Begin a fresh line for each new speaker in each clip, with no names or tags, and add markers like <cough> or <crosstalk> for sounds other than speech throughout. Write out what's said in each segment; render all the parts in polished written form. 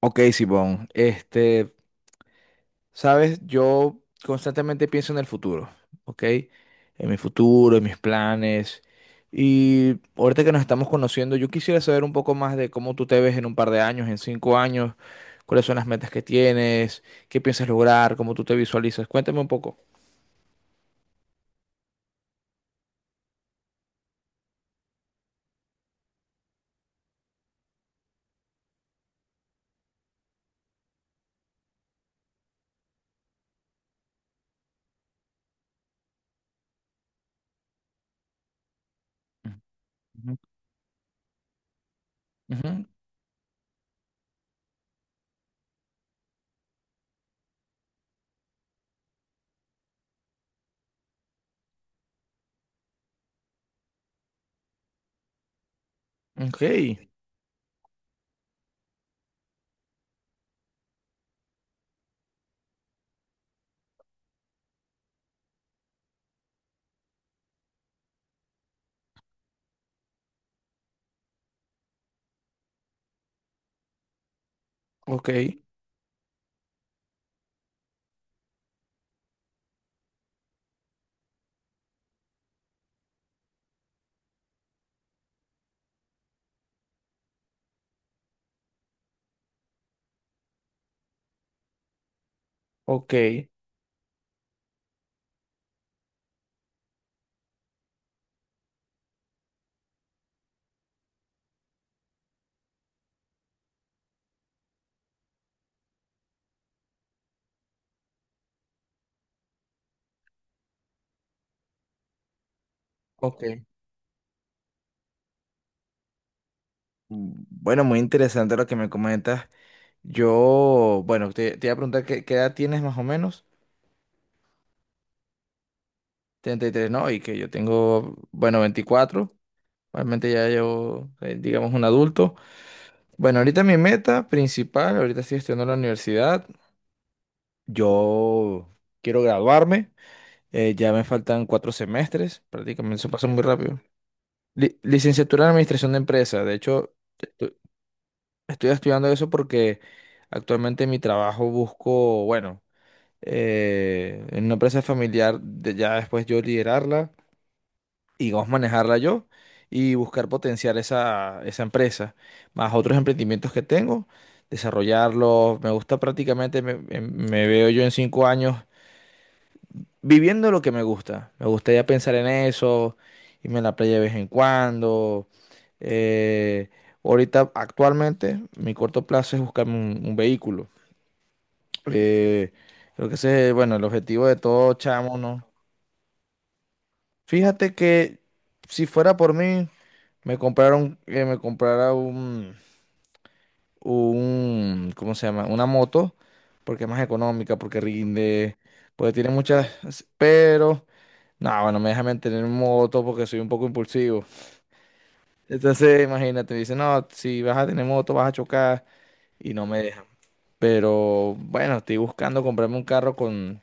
Ok, Simón, sabes, yo constantemente pienso en el futuro, ¿ok? En mi futuro, en mis planes. Y ahorita que nos estamos conociendo, yo quisiera saber un poco más de cómo tú te ves en un par de años, en 5 años, cuáles son las metas que tienes, qué piensas lograr, cómo tú te visualizas. Cuéntame un poco. Ujú. Ujú. Ok, ok, ok, ok. Bueno, muy interesante lo que me comentas. Bueno, te iba a preguntar qué edad tienes más o menos. 33, no, y que yo tengo, bueno, veinticuatro. Realmente ya yo, digamos, un adulto. Bueno, ahorita mi meta principal, ahorita estoy estudiando en la universidad. Yo quiero graduarme. Ya me faltan cuatro semestres, prácticamente eso pasa muy rápido. Licenciatura en Administración de Empresa. De hecho, estu- estoy estudiando eso porque actualmente en mi trabajo busco, bueno. En una empresa familiar, de ya después yo liderarla y vamos a manejarla yo y buscar potenciar esa empresa, más otros emprendimientos que tengo, desarrollarlos. Me gusta prácticamente, me veo yo en cinco años viviendo lo que me gusta. Me gustaría pensar en eso, irme a la playa de vez en cuando. Eh, ahorita, actualmente, mi corto plazo es buscarme un vehículo. Eh, creo que ese es, bueno, el objetivo de todo chamo, ¿no? Fíjate que si fuera por mí, me compraron, que me comprara ¿cómo se llama? Una moto, porque es más económica, porque rinde, porque tiene muchas, pero, no, bueno, me deja mantener moto porque soy un poco impulsivo. Entonces, imagínate, dice, no, si vas a tener moto vas a chocar y no me dejan. Pero, bueno, estoy buscando comprarme un carro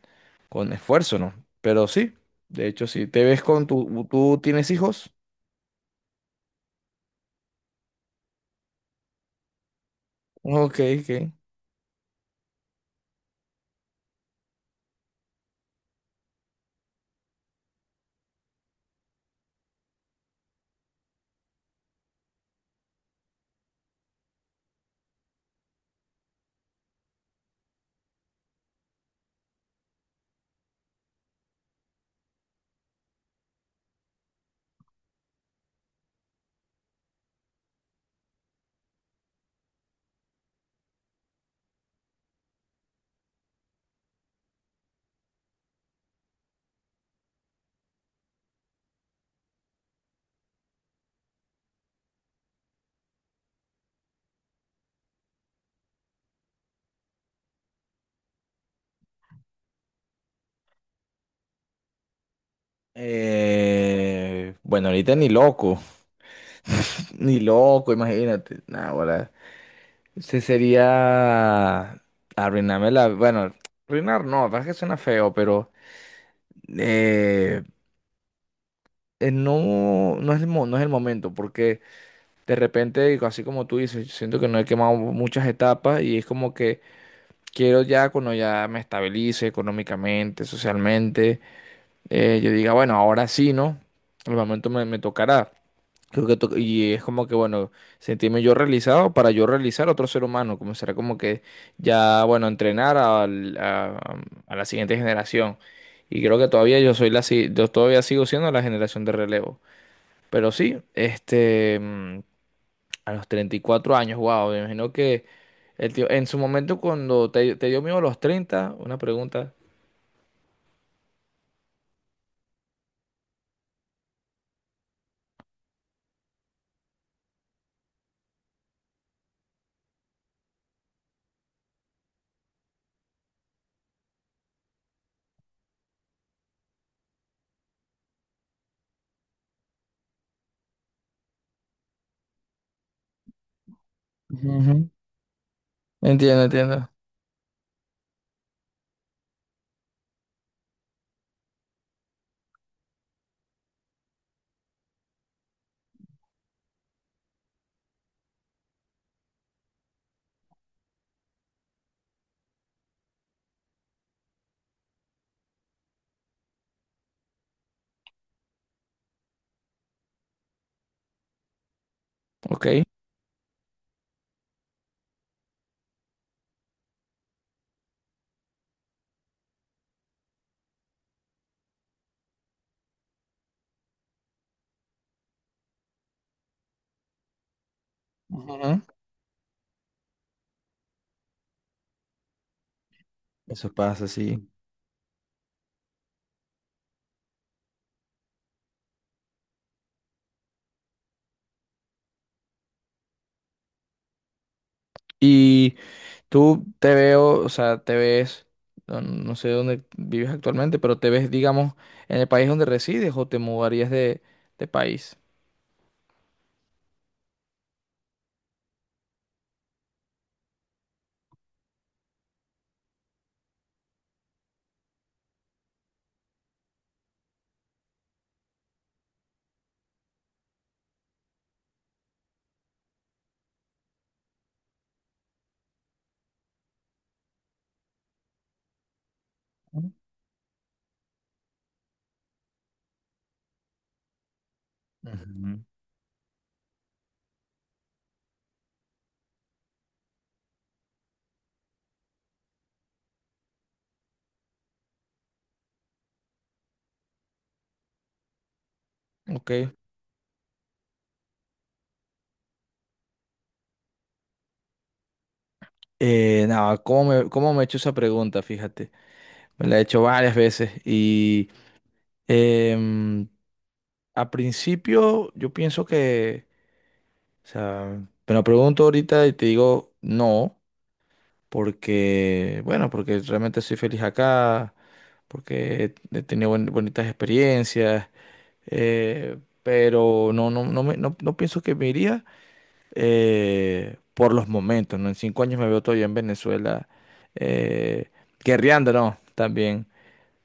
con esfuerzo, ¿no? Pero sí, de hecho, si te ves con tu, ¿tú tienes hijos? Ok, ok. Bueno, ahorita ni loco, <laughs> ni loco, imagínate. Nah, ahora, ese sería arruinarme la, bueno, arruinar no, la verdad es que suena feo, pero eh, no, no es el, no es el momento, porque de repente, así como tú dices, siento que no he quemado muchas etapas y es como que quiero ya cuando ya me estabilice económicamente, socialmente, yo diga, bueno, ahora sí, ¿no? El momento me tocará. Creo que y es como que, bueno, sentirme yo realizado para yo realizar a otro ser humano, como será como que ya, bueno, entrenar a la siguiente generación. Y creo que todavía yo soy la, si- yo todavía sigo siendo la generación de relevo. Pero sí, a los 34 años, wow, me imagino que el tío, en su momento cuando te dio miedo a los treinta una pregunta. Ujú. Entiendo, entiendo. Ok. Ujú. Eso pasa, sí. Tú te veo, o sea, te ves, no, no sé dónde vives actualmente, pero te ves, digamos, en el país donde resides o te mudarías de país. Ujú. Ok. No, cómo me he hecho esa pregunta? Fíjate, me la he hecho varias veces y em, a principio yo pienso que, o sea, me la pregunto ahorita y te digo no, porque, bueno, porque realmente soy feliz acá, porque he tenido bonitas experiencias, eh, pero no, no, no pienso que me iría por los momentos, ¿no? En cinco años me veo todavía en Venezuela, eh, guerreando, ¿no? También,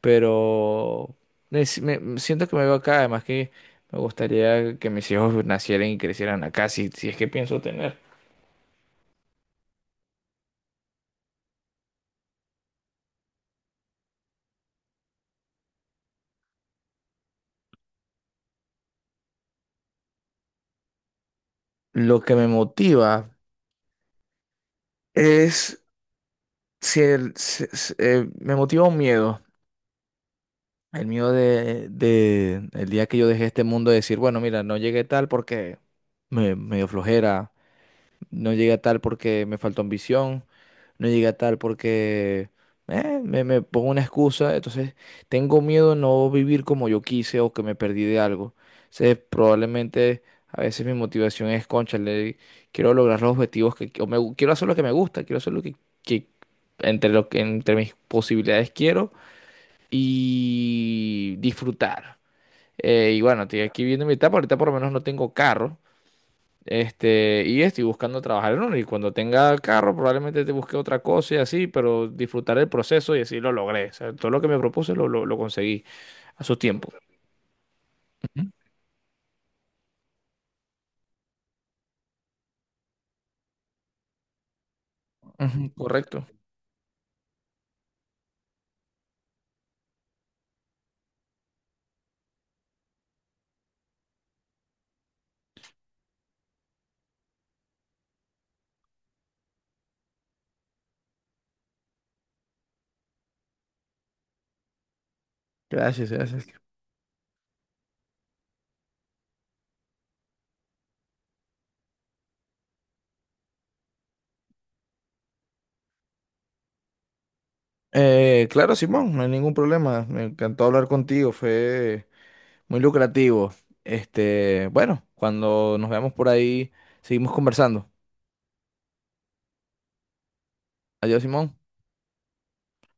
pero me, si- me- me siento que me veo acá, además que me gustaría que mis hijos nacieran y crecieran acá, si, si es que pienso tener. Lo que me motiva es Sí, el- se- se- me motiva un miedo, el miedo de el día que yo dejé este mundo de decir, bueno, mira, no llegué tal porque me dio flojera, no llegué a tal porque me faltó ambición. No llegué a tal porque me pongo una excusa. Entonces, tengo miedo de no vivir como yo quise o que me perdí de algo. Entonces, probablemente a veces mi motivación es, cónchale, quiero lograr los objetivos que o quiero hacer lo que me gusta, quiero hacer lo que entre lo que entre mis posibilidades quiero y disfrutar. Y bueno, estoy aquí viendo mi etapa. Ahorita por lo menos no tengo carro. Este, y estoy buscando trabajar en uno. Y cuando tenga carro, probablemente te busque otra cosa y así, pero disfrutar el proceso y así lo logré. O sea, todo lo que me propuse lo conseguí a su tiempo. Ujú, ujú, correcto. Gracias, gracias. Claro, Simón, no hay ningún problema. Me encantó hablar contigo, fue muy lucrativo. Este, bueno, cuando nos veamos por ahí, seguimos conversando. Adiós, Simón.